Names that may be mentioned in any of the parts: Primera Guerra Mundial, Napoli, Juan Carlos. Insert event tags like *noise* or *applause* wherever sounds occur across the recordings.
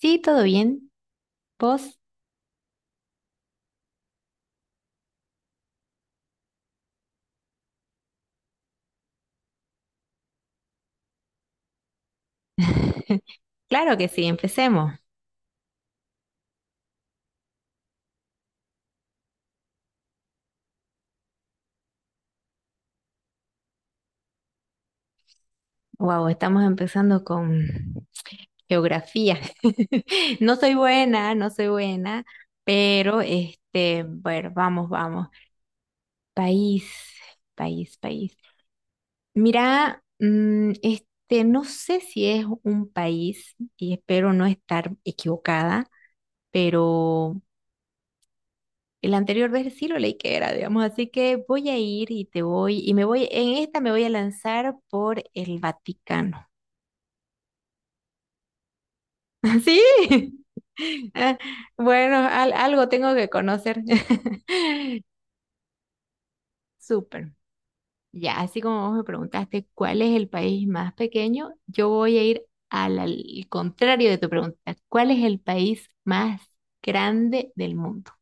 Sí, todo bien. ¿Vos? *laughs* Claro que sí, empecemos. Wow, estamos empezando con geografía. *laughs* No soy buena, no soy buena, pero este, bueno, vamos, vamos. País, país, país. Mira, este, no sé si es un país y espero no estar equivocada, pero el anterior vez sí lo leí que era, digamos, así que voy a ir y te voy, y me voy, en esta me voy a lanzar por el Vaticano. *laughs* ¿Sí? *laughs* Ah, bueno, algo tengo que conocer. *laughs* Súper. Ya, así como vos me preguntaste cuál es el país más pequeño, yo voy a ir al contrario de tu pregunta. ¿Cuál es el país más grande del mundo?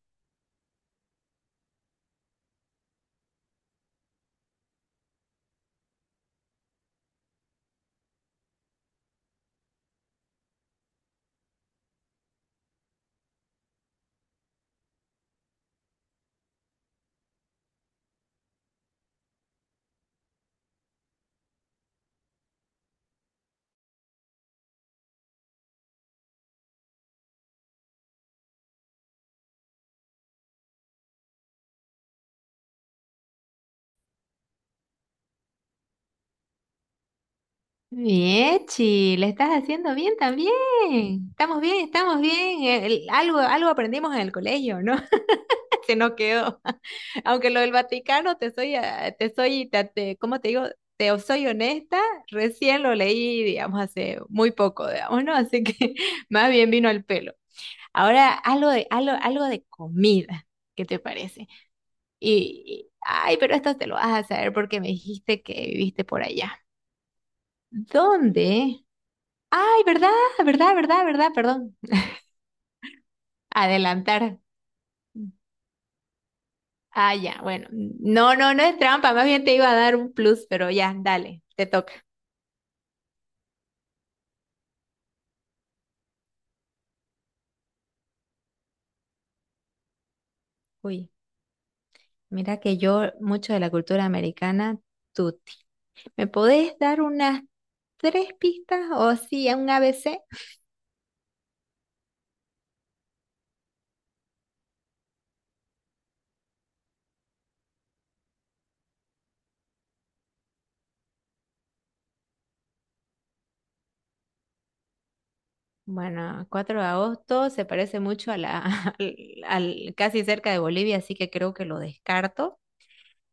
Viechi, le estás haciendo bien también. Estamos bien, estamos bien. Algo aprendimos en el colegio, ¿no? *laughs* Se nos quedó. *laughs* Aunque lo del Vaticano, te soy, ah, te soy, te- ¿cómo te digo? Te soy honesta, recién lo leí, digamos, hace muy poco, digamos, ¿no? Así que *laughs* más bien vino al pelo. Ahora, algo de comida, ¿qué te parece? Ay, pero esto te lo vas a saber porque me dijiste que viviste por allá. ¿Dónde? Ay, ¿verdad? ¿Verdad? ¿Verdad? ¿Verdad? Perdón. Adelantar. Ah, ya, bueno. No, no, no es trampa. Más bien te iba a dar un plus, pero ya, dale, te toca. Uy, mira que yo mucho de la cultura americana, tuti. ¿Me podés dar unas tres pistas o sí, un ABC? Bueno, 4 de agosto se parece mucho a la, *laughs* al, casi cerca de Bolivia, así que creo que lo descarto.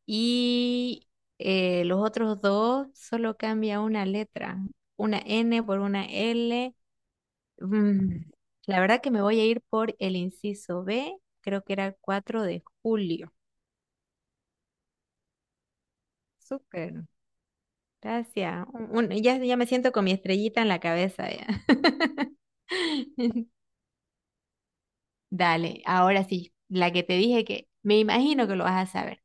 Y los otros dos solo cambia una letra, una N por una L. Mm, la verdad que me voy a ir por el inciso B, creo que era el 4 de julio. Súper, gracias. Ya, ya me siento con mi estrellita en la cabeza ya. *laughs* Dale, ahora sí, la que te dije que me imagino que lo vas a saber.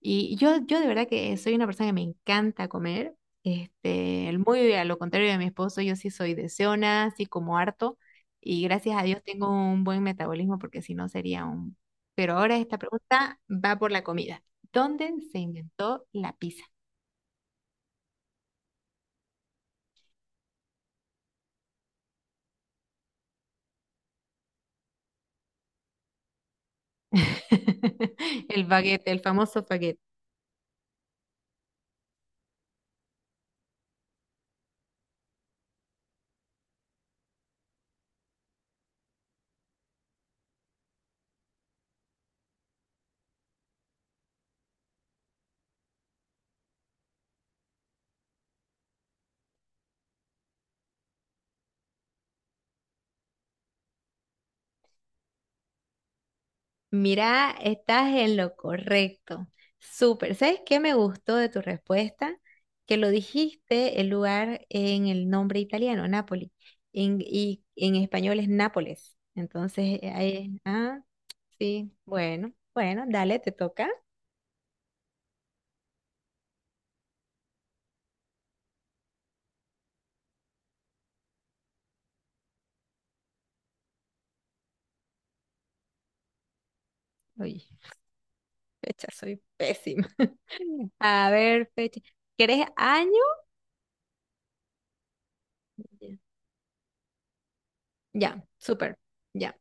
Y yo de verdad que soy una persona que me encanta comer. Este, muy a lo contrario de mi esposo, yo sí soy deseona, así como harto. Y gracias a Dios tengo un buen metabolismo porque si no sería un… Pero ahora esta pregunta va por la comida. ¿Dónde se inventó la pizza? *laughs* El baguette, el famoso baguette. Mira, estás en lo correcto. Súper. ¿Sabes qué me gustó de tu respuesta? Que lo dijiste el lugar en el nombre italiano, Nápoli. En- y en español es Nápoles. Entonces, ahí, sí, bueno, bueno, dale, te toca. Uy, fecha, soy pésima. *laughs* A ver, fecha. ¿Quieres año? Ya, ya, súper. Ya.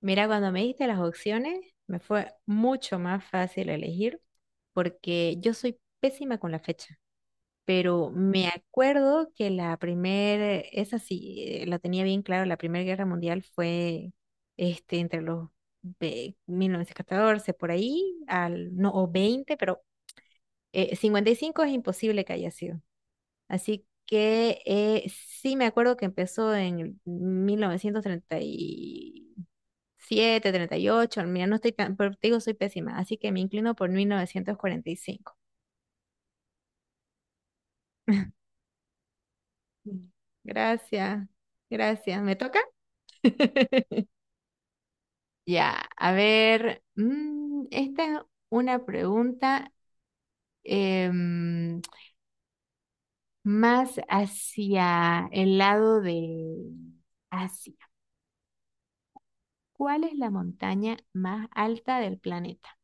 Mira, cuando me diste las opciones, me fue mucho más fácil elegir porque yo soy pésima con la fecha, pero me acuerdo que la primera, esa sí, la tenía bien claro, la Primera Guerra Mundial fue este, entre los 1914 por ahí, al, no, o 20, pero 55 es imposible que haya sido. Así que sí me acuerdo que empezó en el 1930 y siete treinta y ocho, mira, no estoy tan, pero te digo, soy pésima, así que me inclino por 1945. *laughs* Gracias, gracias. ¿Me toca? *laughs* Ya, a ver, esta es una pregunta em, más hacia el lado de Asia. ¿Cuál es la montaña más alta del planeta?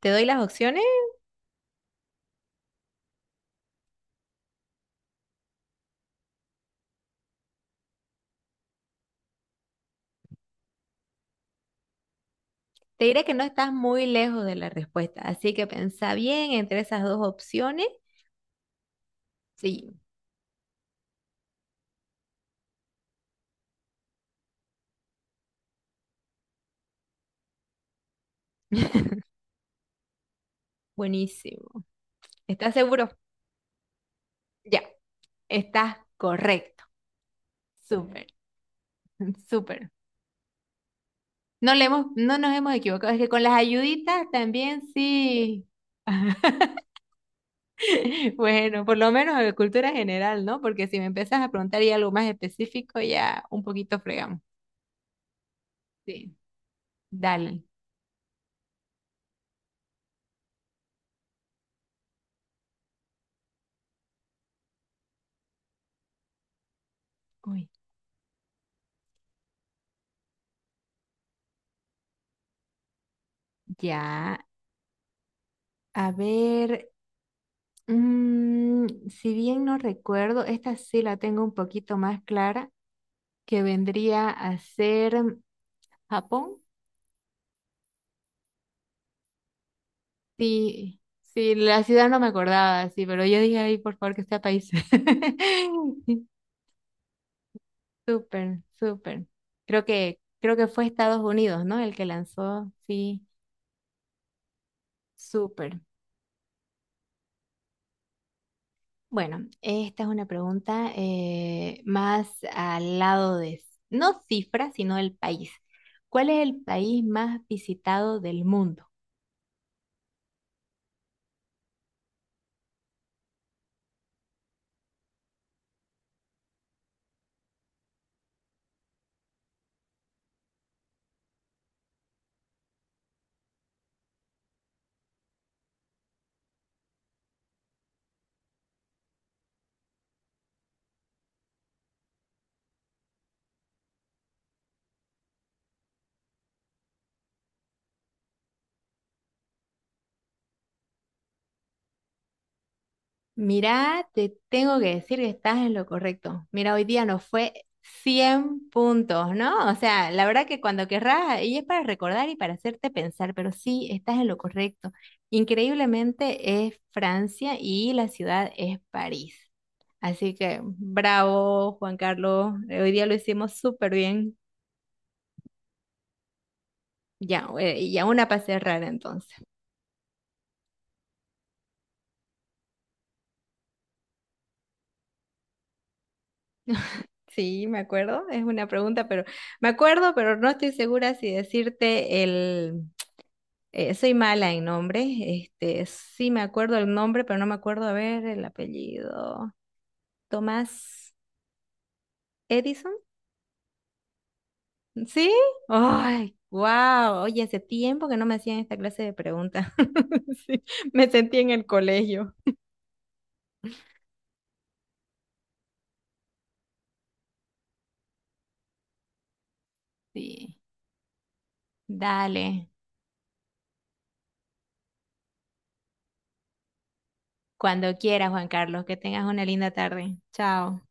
¿Te doy las opciones? Te diré que no estás muy lejos de la respuesta, así que pensá bien entre esas dos opciones. Sí, *laughs* buenísimo. ¿Estás seguro? Ya, estás correcto. Súper, *laughs* súper. No le hemos, no nos hemos equivocado, es que con las ayuditas también sí. *laughs* Bueno, por lo menos de cultura general, ¿no? Porque si me empiezas a preguntar y algo más específico, ya un poquito fregamos. Sí. Dale. Uy. Ya. A ver, si bien no recuerdo, esta sí la tengo un poquito más clara, que vendría a ser Japón. Sí, sí, la ciudad no me acordaba, sí, pero yo dije, ay, por favor, que sea país. *laughs* Súper, súper. Creo que fue Estados Unidos, ¿no? El que lanzó, sí, súper. Bueno, esta es una pregunta más al lado de, no cifras, sino el país. ¿Cuál es el país más visitado del mundo? Mirá, te tengo que decir que estás en lo correcto. Mira, hoy día nos fue 100 puntos, ¿no? O sea, la verdad que cuando querrás, y es para recordar y para hacerte pensar, pero sí, estás en lo correcto. Increíblemente es Francia y la ciudad es París. Así que bravo, Juan Carlos. Hoy día lo hicimos súper bien. Ya, y ya una para cerrar entonces. Sí, me acuerdo, es una pregunta, pero me acuerdo, pero no estoy segura si decirte el… soy mala en nombres, este, sí me acuerdo el nombre, pero no me acuerdo, a ver, el apellido. Tomás Edison, ¿sí? ¡Ay, wow! Oye, hace tiempo que no me hacían esta clase de preguntas. *laughs* Sí, me sentí en el colegio. Sí. Dale, cuando quieras, Juan Carlos, que tengas una linda tarde. Chao.